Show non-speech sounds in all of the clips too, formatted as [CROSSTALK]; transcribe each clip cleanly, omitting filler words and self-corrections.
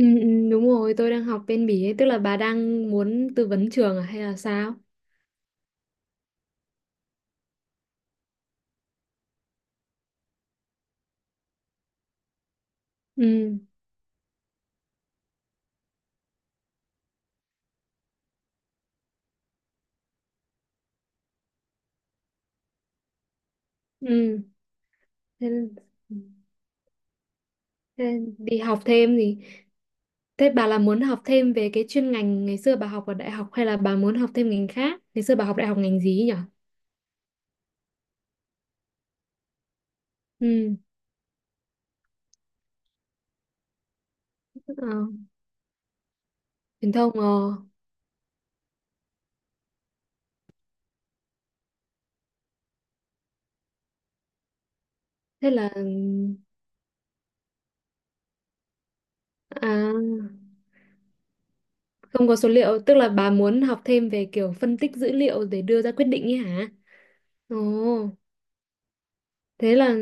Ừ, ừ, đúng rồi, tôi đang học bên Bỉ ấy, tức là bà đang muốn tư vấn trường à, hay là sao? Ừ, ừ. Thế, thế đi học thêm thì, thế bà là muốn học thêm về cái chuyên ngành ngày xưa bà học ở đại học hay là bà muốn học thêm ngành khác? Ngày xưa bà học đại học ngành gì ấy nhỉ? Ừ, ờ, truyền thông. Ờ, Thế là, à, không có số liệu, tức là bà muốn học thêm về kiểu phân tích dữ liệu để đưa ra quyết định ấy hả? Ồ, thế là,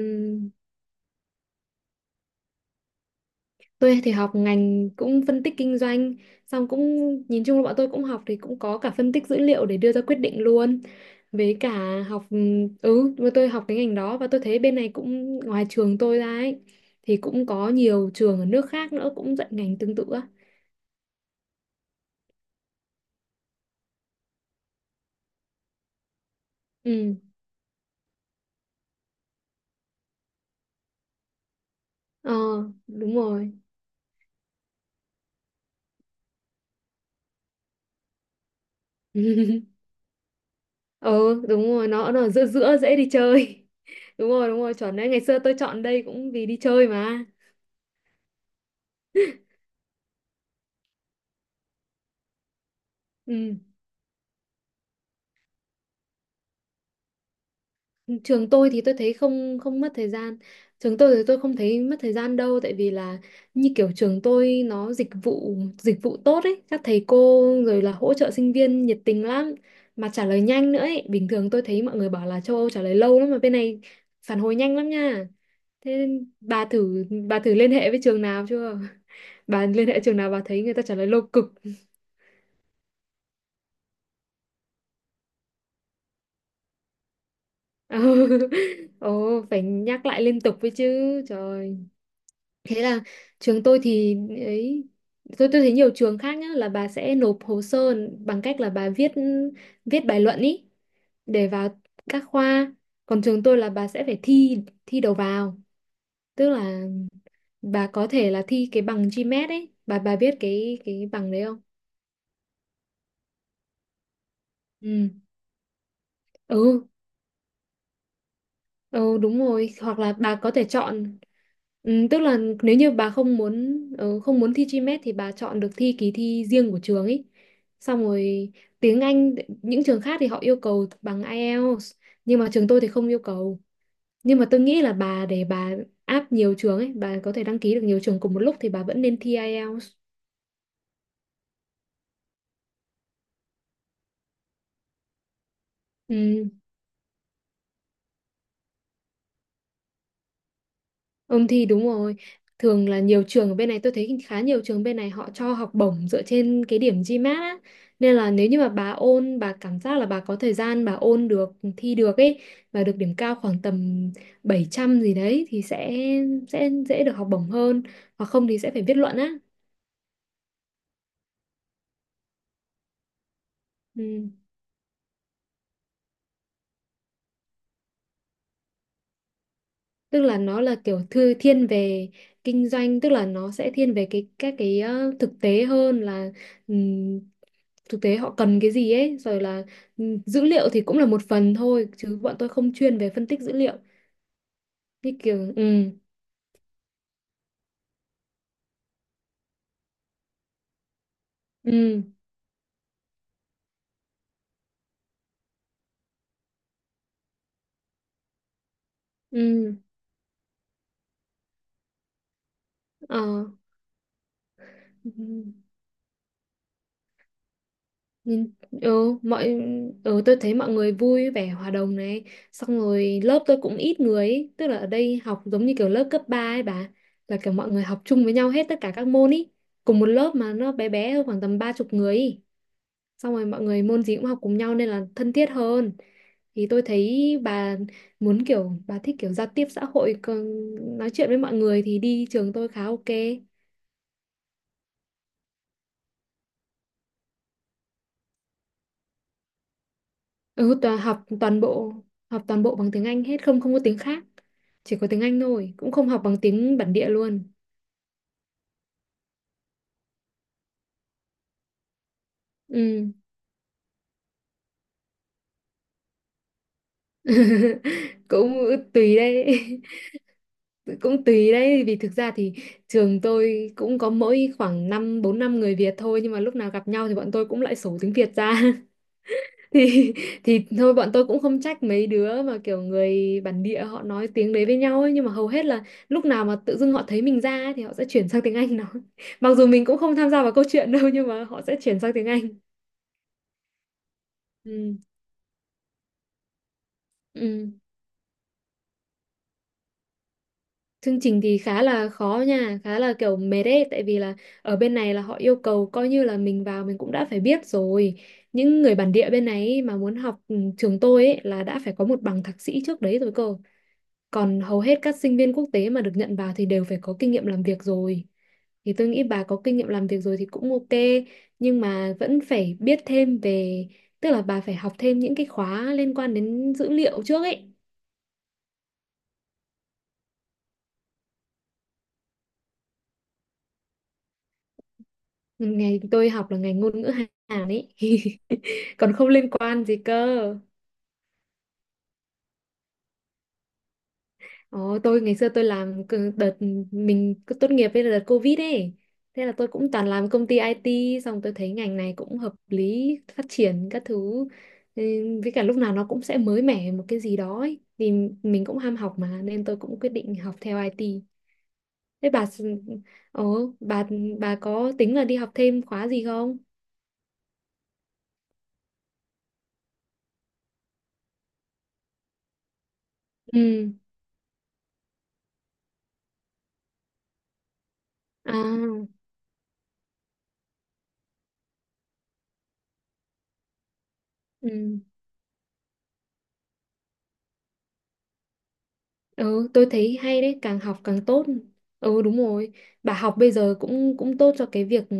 tôi thì học ngành cũng phân tích kinh doanh, xong cũng nhìn chung là bọn tôi cũng học thì cũng có cả phân tích dữ liệu để đưa ra quyết định luôn. Với cả học, mà tôi học cái ngành đó và tôi thấy bên này cũng ngoài trường tôi ra ấy thì cũng có nhiều trường ở nước khác nữa cũng dạy ngành tương tự á. Ừ. Ờ, đúng rồi. [LAUGHS] Ờ, đúng rồi, nó ở giữa giữa dễ đi chơi. [LAUGHS] Đúng rồi, chuẩn đấy. Ngày xưa tôi chọn đây cũng vì đi chơi mà. Ừ. Trường tôi thì tôi thấy không không mất thời gian, trường tôi thì tôi không thấy mất thời gian đâu, tại vì là như kiểu trường tôi nó dịch vụ tốt ấy, các thầy cô rồi là hỗ trợ sinh viên nhiệt tình lắm mà trả lời nhanh nữa ấy, bình thường tôi thấy mọi người bảo là châu Âu trả lời lâu lắm mà bên này phản hồi nhanh lắm nha. Thế nên bà thử liên hệ với trường nào chưa? [LAUGHS] bà liên hệ trường nào bà thấy người ta trả lời lâu cực? [LAUGHS] ồ, phải nhắc lại liên tục với chứ trời. Thế là trường tôi thì ấy, tôi thấy nhiều trường khác nhá, là bà sẽ nộp hồ sơ bằng cách là bà viết viết bài luận ý để vào các khoa, còn trường tôi là bà sẽ phải thi thi đầu vào. Tức là bà có thể là thi cái bằng GMAT ấy bà biết cái bằng đấy không? Ừ, ừ. Ừ, đúng rồi, hoặc là bà có thể chọn, tức là nếu như bà không muốn thi GMAT thì bà chọn được thi kỳ thi riêng của trường ấy, xong rồi tiếng Anh, những trường khác thì họ yêu cầu bằng IELTS, nhưng mà trường tôi thì không yêu cầu. Nhưng mà tôi nghĩ là bà, để bà áp nhiều trường ấy, bà có thể đăng ký được nhiều trường cùng một lúc thì bà vẫn nên thi IELTS. Ừ. Ôn thi đúng rồi. Thường là nhiều trường ở bên này, tôi thấy khá nhiều trường bên này họ cho học bổng dựa trên cái điểm GMAT á. Nên là nếu như mà bà ôn, bà cảm giác là bà có thời gian bà ôn được, thi được ấy, và được điểm cao khoảng tầm 700 gì đấy thì sẽ dễ được học bổng hơn. Hoặc không thì sẽ phải viết luận á. Ừ. Tức là nó là kiểu thư thiên về kinh doanh, tức là nó sẽ thiên về cái các cái, thực tế hơn là, ừm, thực tế họ cần cái gì ấy, rồi là dữ liệu thì cũng là một phần thôi chứ bọn tôi không chuyên về phân tích dữ liệu. Như kiểu, ừ, ừ, ừ, ờ. Nhìn, ừ, mọi Ừ, tôi thấy mọi người vui vẻ hòa đồng này, xong rồi lớp tôi cũng ít người ấy. Tức là ở đây học giống như kiểu lớp cấp 3 ấy bà, là kiểu mọi người học chung với nhau hết tất cả các môn ý, cùng một lớp mà nó bé bé thôi, khoảng tầm 30 người ý. Xong rồi mọi người môn gì cũng học cùng nhau nên là thân thiết hơn. Thì tôi thấy bà muốn kiểu bà thích kiểu giao tiếp xã hội, còn nói chuyện với mọi người thì đi trường tôi khá ok. Ừ, toàn học toàn bộ, học toàn bộ bằng tiếng Anh hết, không không có tiếng khác, chỉ có tiếng Anh thôi, cũng không học bằng tiếng bản địa luôn. Ừ. [LAUGHS] cũng tùy đấy. [LAUGHS] cũng tùy đấy vì thực ra thì trường tôi cũng có mỗi khoảng năm bốn năm người Việt thôi, nhưng mà lúc nào gặp nhau thì bọn tôi cũng lại sổ tiếng Việt ra. [LAUGHS] thì [LAUGHS] thì thôi, bọn tôi cũng không trách mấy đứa mà kiểu người bản địa họ nói tiếng đấy với nhau ấy, nhưng mà hầu hết là lúc nào mà tự dưng họ thấy mình ra ấy, thì họ sẽ chuyển sang tiếng Anh nói. [LAUGHS] mặc dù mình cũng không tham gia vào câu chuyện đâu nhưng mà họ sẽ chuyển sang tiếng Anh. Ừ. Ừ. Chương trình thì khá là khó nha, khá là kiểu mệt ấy, tại vì là ở bên này là họ yêu cầu coi như là mình vào mình cũng đã phải biết rồi, những người bản địa bên này ấy mà muốn học, trường tôi ấy, là đã phải có một bằng thạc sĩ trước đấy rồi cơ. Còn hầu hết các sinh viên quốc tế mà được nhận vào thì đều phải có kinh nghiệm làm việc rồi. Thì tôi nghĩ bà có kinh nghiệm làm việc rồi thì cũng ok, nhưng mà vẫn phải biết thêm về, tức là bà phải học thêm những cái khóa liên quan đến dữ liệu trước ấy. Ngày tôi học là ngành ngôn ngữ Hàn ấy, [LAUGHS] còn không liên quan gì cơ. Ồ, tôi ngày xưa tôi đợt mình cứ tốt nghiệp với đợt Covid ấy. Thế là tôi cũng toàn làm công ty IT, xong tôi thấy ngành này cũng hợp lý, phát triển các thứ. Ừ, với cả lúc nào nó cũng sẽ mới mẻ một cái gì đó ấy. Thì mình cũng ham học mà, nên tôi cũng quyết định học theo IT. Thế bà s- Ồ, bà có tính là đi học thêm khóa gì không? Ừ. À. Ừ. Ừ, tôi thấy hay đấy, càng học càng tốt. Ừ, đúng rồi. Bà học bây giờ cũng cũng tốt cho cái việc,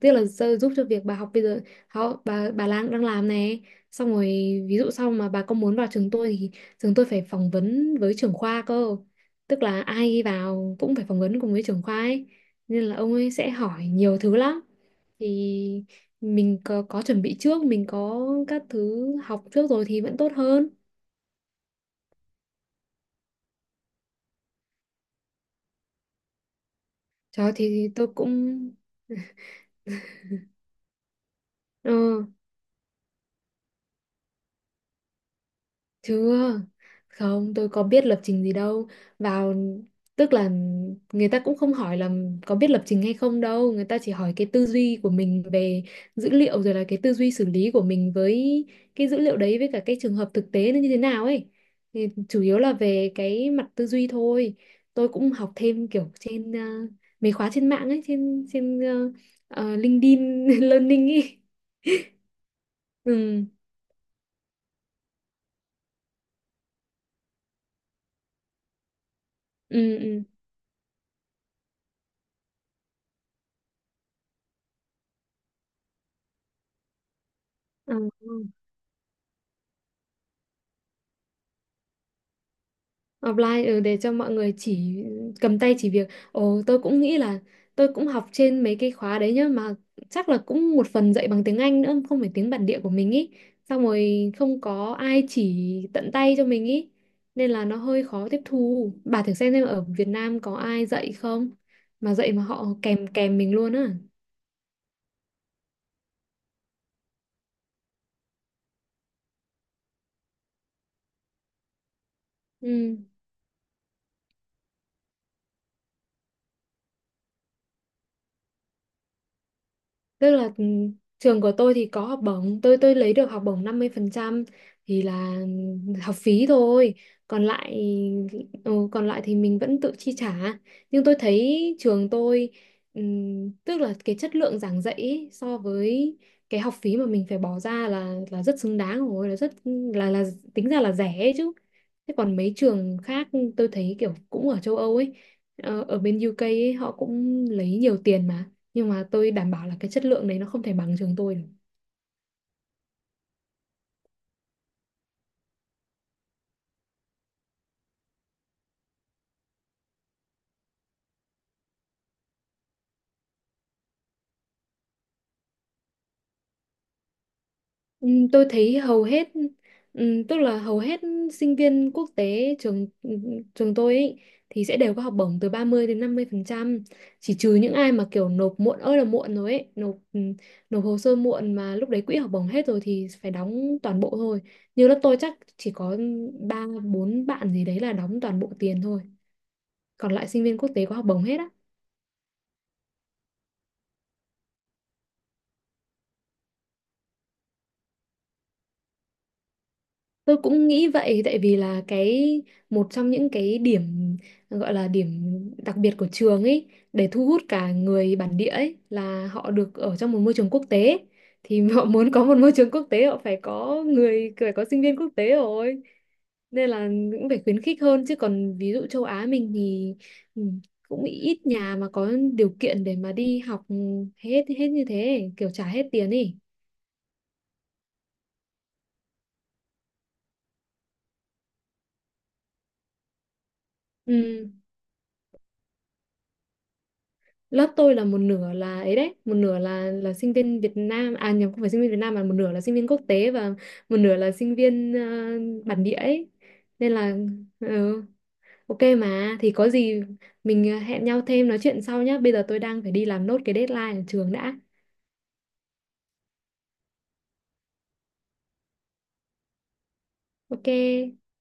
tức là giúp cho việc bà học bây giờ, họ, bà đang đang làm này. Xong rồi ví dụ sau mà bà có muốn vào trường tôi thì trường tôi phải phỏng vấn với trưởng khoa cơ. Tức là ai vào cũng phải phỏng vấn cùng với trưởng khoa ấy. Nên là ông ấy sẽ hỏi nhiều thứ lắm. Thì mình có chuẩn bị trước, mình có các thứ học trước rồi thì vẫn tốt hơn. Trời ơi, thì tôi cũng. Ừ. Chưa, không, tôi có biết lập trình gì đâu. Vào, tức là người ta cũng không hỏi là có biết lập trình hay không đâu. Người ta chỉ hỏi cái tư duy của mình về dữ liệu, rồi là cái tư duy xử lý của mình với cái dữ liệu đấy, với cả cái trường hợp thực tế nó như thế nào ấy. Thì chủ yếu là về cái mặt tư duy thôi. Tôi cũng học thêm kiểu trên, mấy khóa trên mạng ấy, trên trên LinkedIn [LAUGHS] Learning ấy. Ừ, ừ, ừ. Ừ. Offline, để cho mọi người chỉ cầm tay chỉ việc. Ồ, tôi cũng nghĩ là tôi cũng học trên mấy cái khóa đấy nhá, mà chắc là cũng một phần dạy bằng tiếng Anh nữa, không phải tiếng bản địa của mình ý. Xong rồi không có ai chỉ tận tay cho mình ý. Nên là nó hơi khó tiếp thu. Bà thử xem ở Việt Nam có ai dạy không? Mà dạy mà họ kèm kèm mình luôn á. Ừ. Tức là, trường của tôi thì có học bổng, tôi lấy được học bổng 50% thì là học phí thôi, còn lại, còn lại thì mình vẫn tự chi trả. Nhưng tôi thấy trường tôi, tức là cái chất lượng giảng dạy ấy, so với cái học phí mà mình phải bỏ ra là rất xứng đáng rồi, là rất là tính ra là rẻ ấy chứ. Thế còn mấy trường khác tôi thấy kiểu cũng ở châu Âu ấy, ở bên UK ấy, họ cũng lấy nhiều tiền nhưng mà tôi đảm bảo là cái chất lượng đấy nó không thể bằng trường tôi được. Tôi thấy hầu hết, tức là hầu hết sinh viên quốc tế trường tôi ấy, thì sẽ đều có học bổng từ 30 đến 50%, chỉ trừ những ai mà kiểu nộp muộn ơi là muộn rồi ấy, nộp nộp hồ sơ muộn mà lúc đấy quỹ học bổng hết rồi thì phải đóng toàn bộ thôi. Như lớp tôi chắc chỉ có ba bốn bạn gì đấy là đóng toàn bộ tiền thôi, còn lại sinh viên quốc tế có học bổng hết á. Tôi cũng nghĩ vậy, tại vì là cái một trong những cái điểm gọi là điểm đặc biệt của trường ấy để thu hút cả người bản địa ấy là họ được ở trong một môi trường quốc tế. Thì [LAUGHS] họ muốn có một môi trường quốc tế họ phải có người, phải có sinh viên quốc tế rồi, nên là cũng phải khuyến khích hơn chứ còn ví dụ châu Á mình thì, ừ, cũng ít nhà mà có điều kiện để mà đi học hết hết như thế kiểu trả hết tiền ấy. Ừ, lớp tôi là một nửa là ấy đấy, một nửa là sinh viên Việt Nam, à nhầm, không phải sinh viên Việt Nam, mà một nửa là sinh viên quốc tế và một nửa là sinh viên, bản địa ấy, nên là, ừ, ok mà thì có gì mình, hẹn nhau thêm nói chuyện sau nhá, bây giờ tôi đang phải đi làm nốt cái deadline ở trường đã. Ok.